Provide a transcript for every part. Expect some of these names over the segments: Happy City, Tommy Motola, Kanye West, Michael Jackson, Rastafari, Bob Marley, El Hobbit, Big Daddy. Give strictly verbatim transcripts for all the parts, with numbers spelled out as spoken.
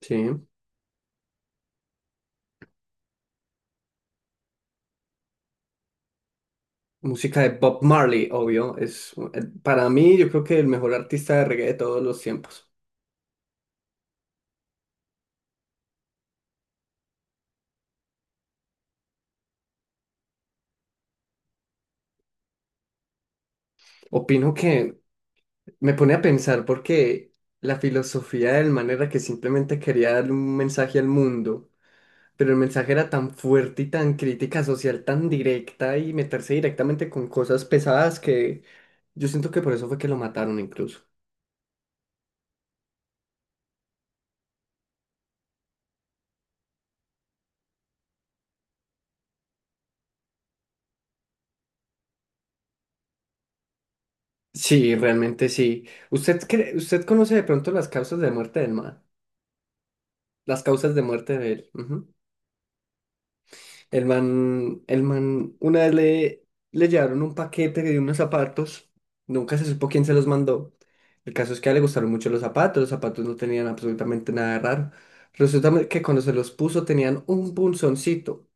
Sí, música de Bob Marley, obvio. Es eh, para mí, yo creo que el mejor artista de reggae de todos los tiempos. Opino que me pone a pensar porque la filosofía del man era que simplemente quería darle un mensaje al mundo, pero el mensaje era tan fuerte y tan crítica social, tan directa y meterse directamente con cosas pesadas que yo siento que por eso fue que lo mataron incluso. Sí, realmente sí. ¿Usted cree- usted conoce de pronto las causas de muerte del man? Las causas de muerte de él. Ujú. El man, el man, una vez le, le llevaron un paquete de unos zapatos, nunca se supo quién se los mandó. El caso es que a él le gustaron mucho los zapatos, los zapatos no tenían absolutamente nada de raro. Resulta que cuando se los puso tenían un punzoncito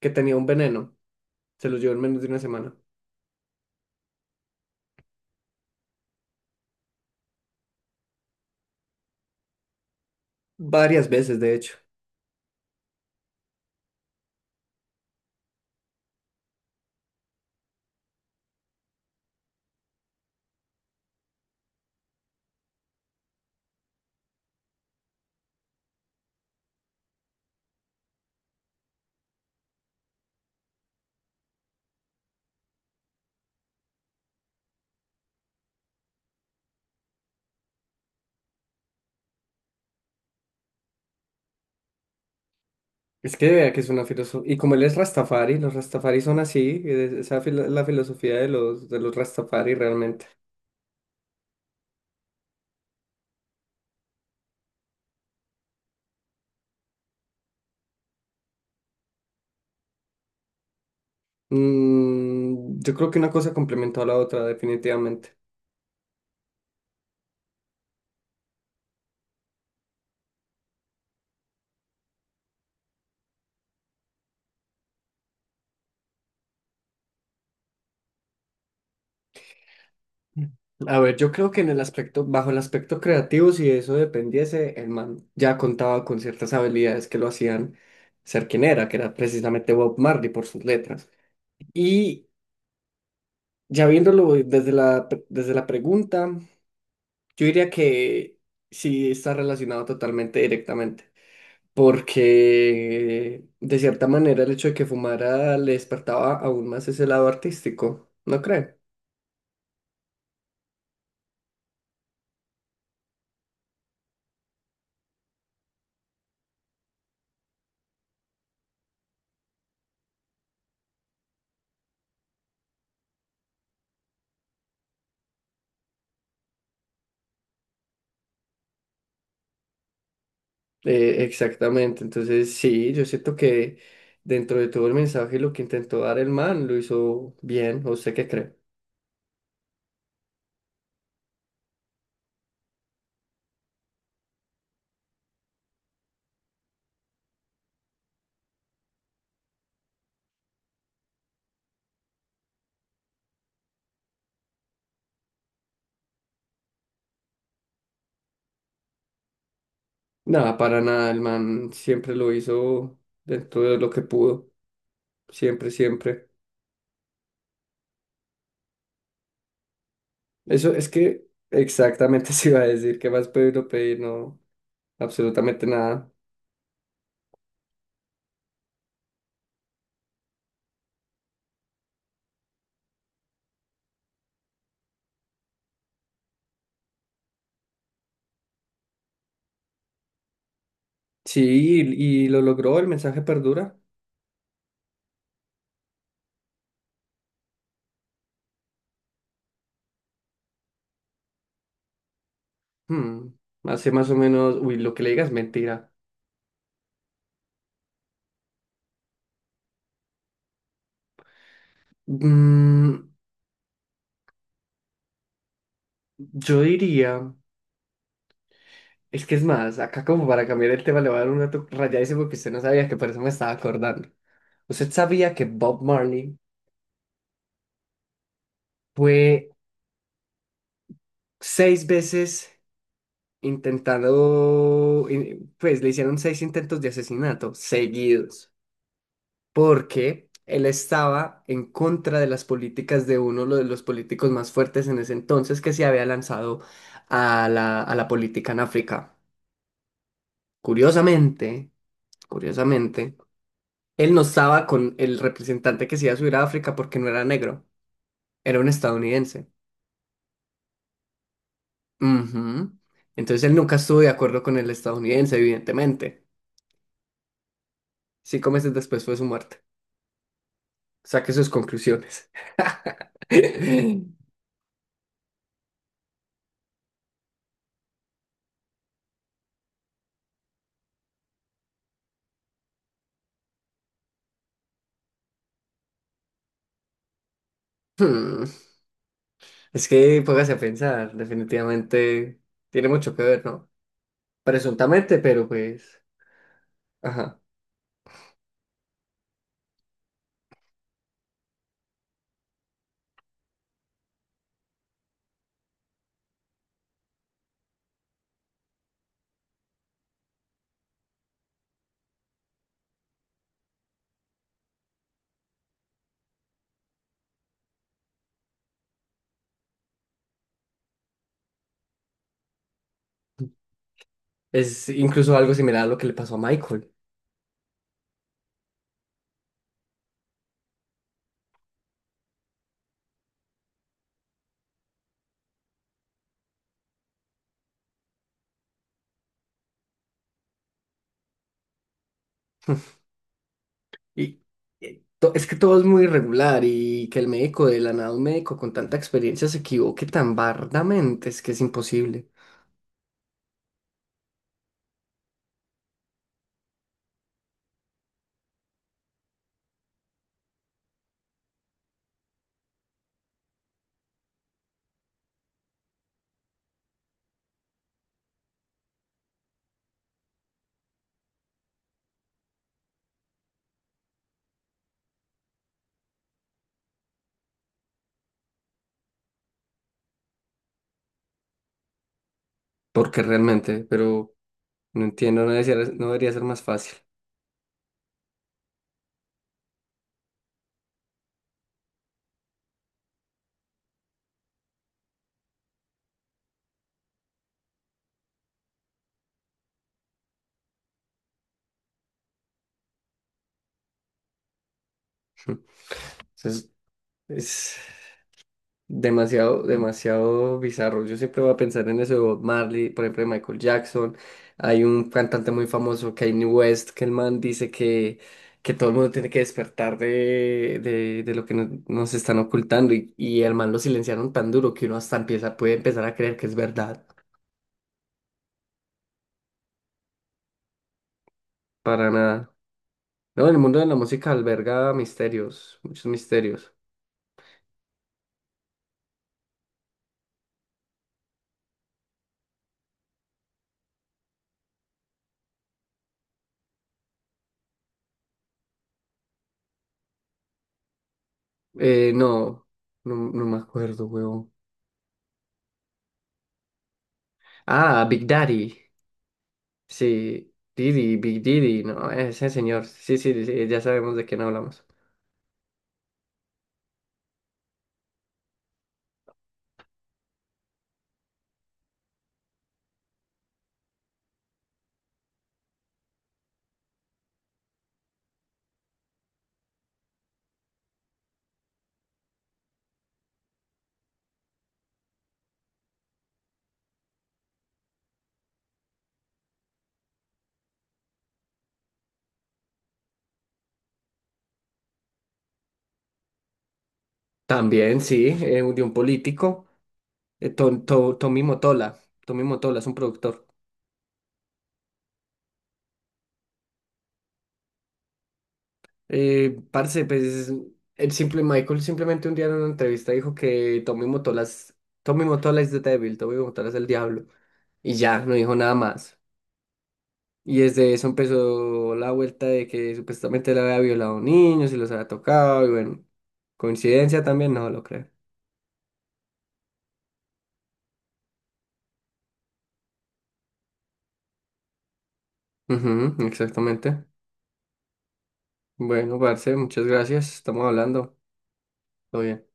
que tenía un veneno. Se los llevó en menos de una semana. Varias veces, de hecho. Es que vea que es una filosofía. Y como él es Rastafari, los Rastafari son así, eh, esa es la filosofía de los, de los Rastafari realmente. Mm, yo creo que una cosa complementó a la otra, definitivamente. A ver, yo creo que en el aspecto, bajo el aspecto creativo, si eso dependiese, el man ya contaba con ciertas habilidades que lo hacían ser quien era, que era precisamente Bob Marley por sus letras. Y ya viéndolo desde la, pre- desde la pregunta, yo diría que sí está relacionado totalmente directamente, porque de cierta manera el hecho de que fumara le despertaba aún más ese lado artístico, ¿no cree? Eh, exactamente, entonces sí, yo siento que dentro de todo el mensaje lo que intentó dar el man lo hizo bien, ¿o usted qué cree? Nada, para nada, el man siempre lo hizo dentro de lo que pudo, siempre, siempre. Eso es que exactamente se iba a decir, ¿qué más puede uno pedir? No, absolutamente nada. Sí, y, y lo logró, el mensaje perdura. Hmm, hace más o menos, uy, lo que le digas es mentira. Mm, yo diría... Es que es más, acá como para cambiar el tema le voy a dar un dato rayadísimo porque usted no sabía que por eso me estaba acordando. ¿Usted sabía que Bob Marley fue seis veces intentando, in- pues le hicieron seis intentos de asesinato seguidos, porque él estaba en contra de las políticas de uno lo de los políticos más fuertes en ese entonces que se había lanzado a la, a la política en África? Curiosamente, curiosamente. Él no estaba con el representante que se iba a subir a África porque no era negro, era un estadounidense. Ujú. Entonces él nunca estuvo de acuerdo con el estadounidense, evidentemente. Cinco meses después fue su muerte. Saque sus conclusiones. Hmm, es que póngase a pensar, definitivamente tiene mucho que ver, ¿no? Presuntamente, pero pues, ajá. Es incluso algo similar a lo que le pasó a Michael. Y eh, to- es que todo es muy irregular y que el médico de la nada, un médico con tanta experiencia se equivoque tan bardamente, es que es imposible. Porque realmente, pero no entiendo, no debería, no debería ser más fácil. Entonces, es. Demasiado, demasiado bizarro. Yo siempre voy a pensar en eso de Bob Marley, por ejemplo, de Michael Jackson. Hay un cantante muy famoso, Kanye West, que el man dice que, que todo el mundo tiene que despertar de, de, de lo que no- nos están ocultando. Y, y el man lo silenciaron tan duro que uno hasta empieza, puede empezar a creer que es verdad. Para nada. No, el mundo de la música alberga misterios, muchos misterios. Eh, no, no, no me acuerdo, huevón. Ah, Big Daddy. Sí, Didi, Big Didi, no, ese señor. Sí, sí, sí, ya sabemos de quién hablamos. También, sí, eh, de un político, eh, Tom- To- Tommy Motola. Tommy Motola es un productor. Eh, parce, pues, el simple Michael simplemente un día en una entrevista dijo que Tommy Motola es, Tommy Motola es the devil, Tommy Motola es el diablo. Y ya, no dijo nada más. Y desde eso empezó la vuelta de que supuestamente le había violado niños y los había tocado. Y bueno, coincidencia también, no lo creo. Ujú, exactamente. Bueno, parce muchas gracias. Estamos hablando. Todo bien.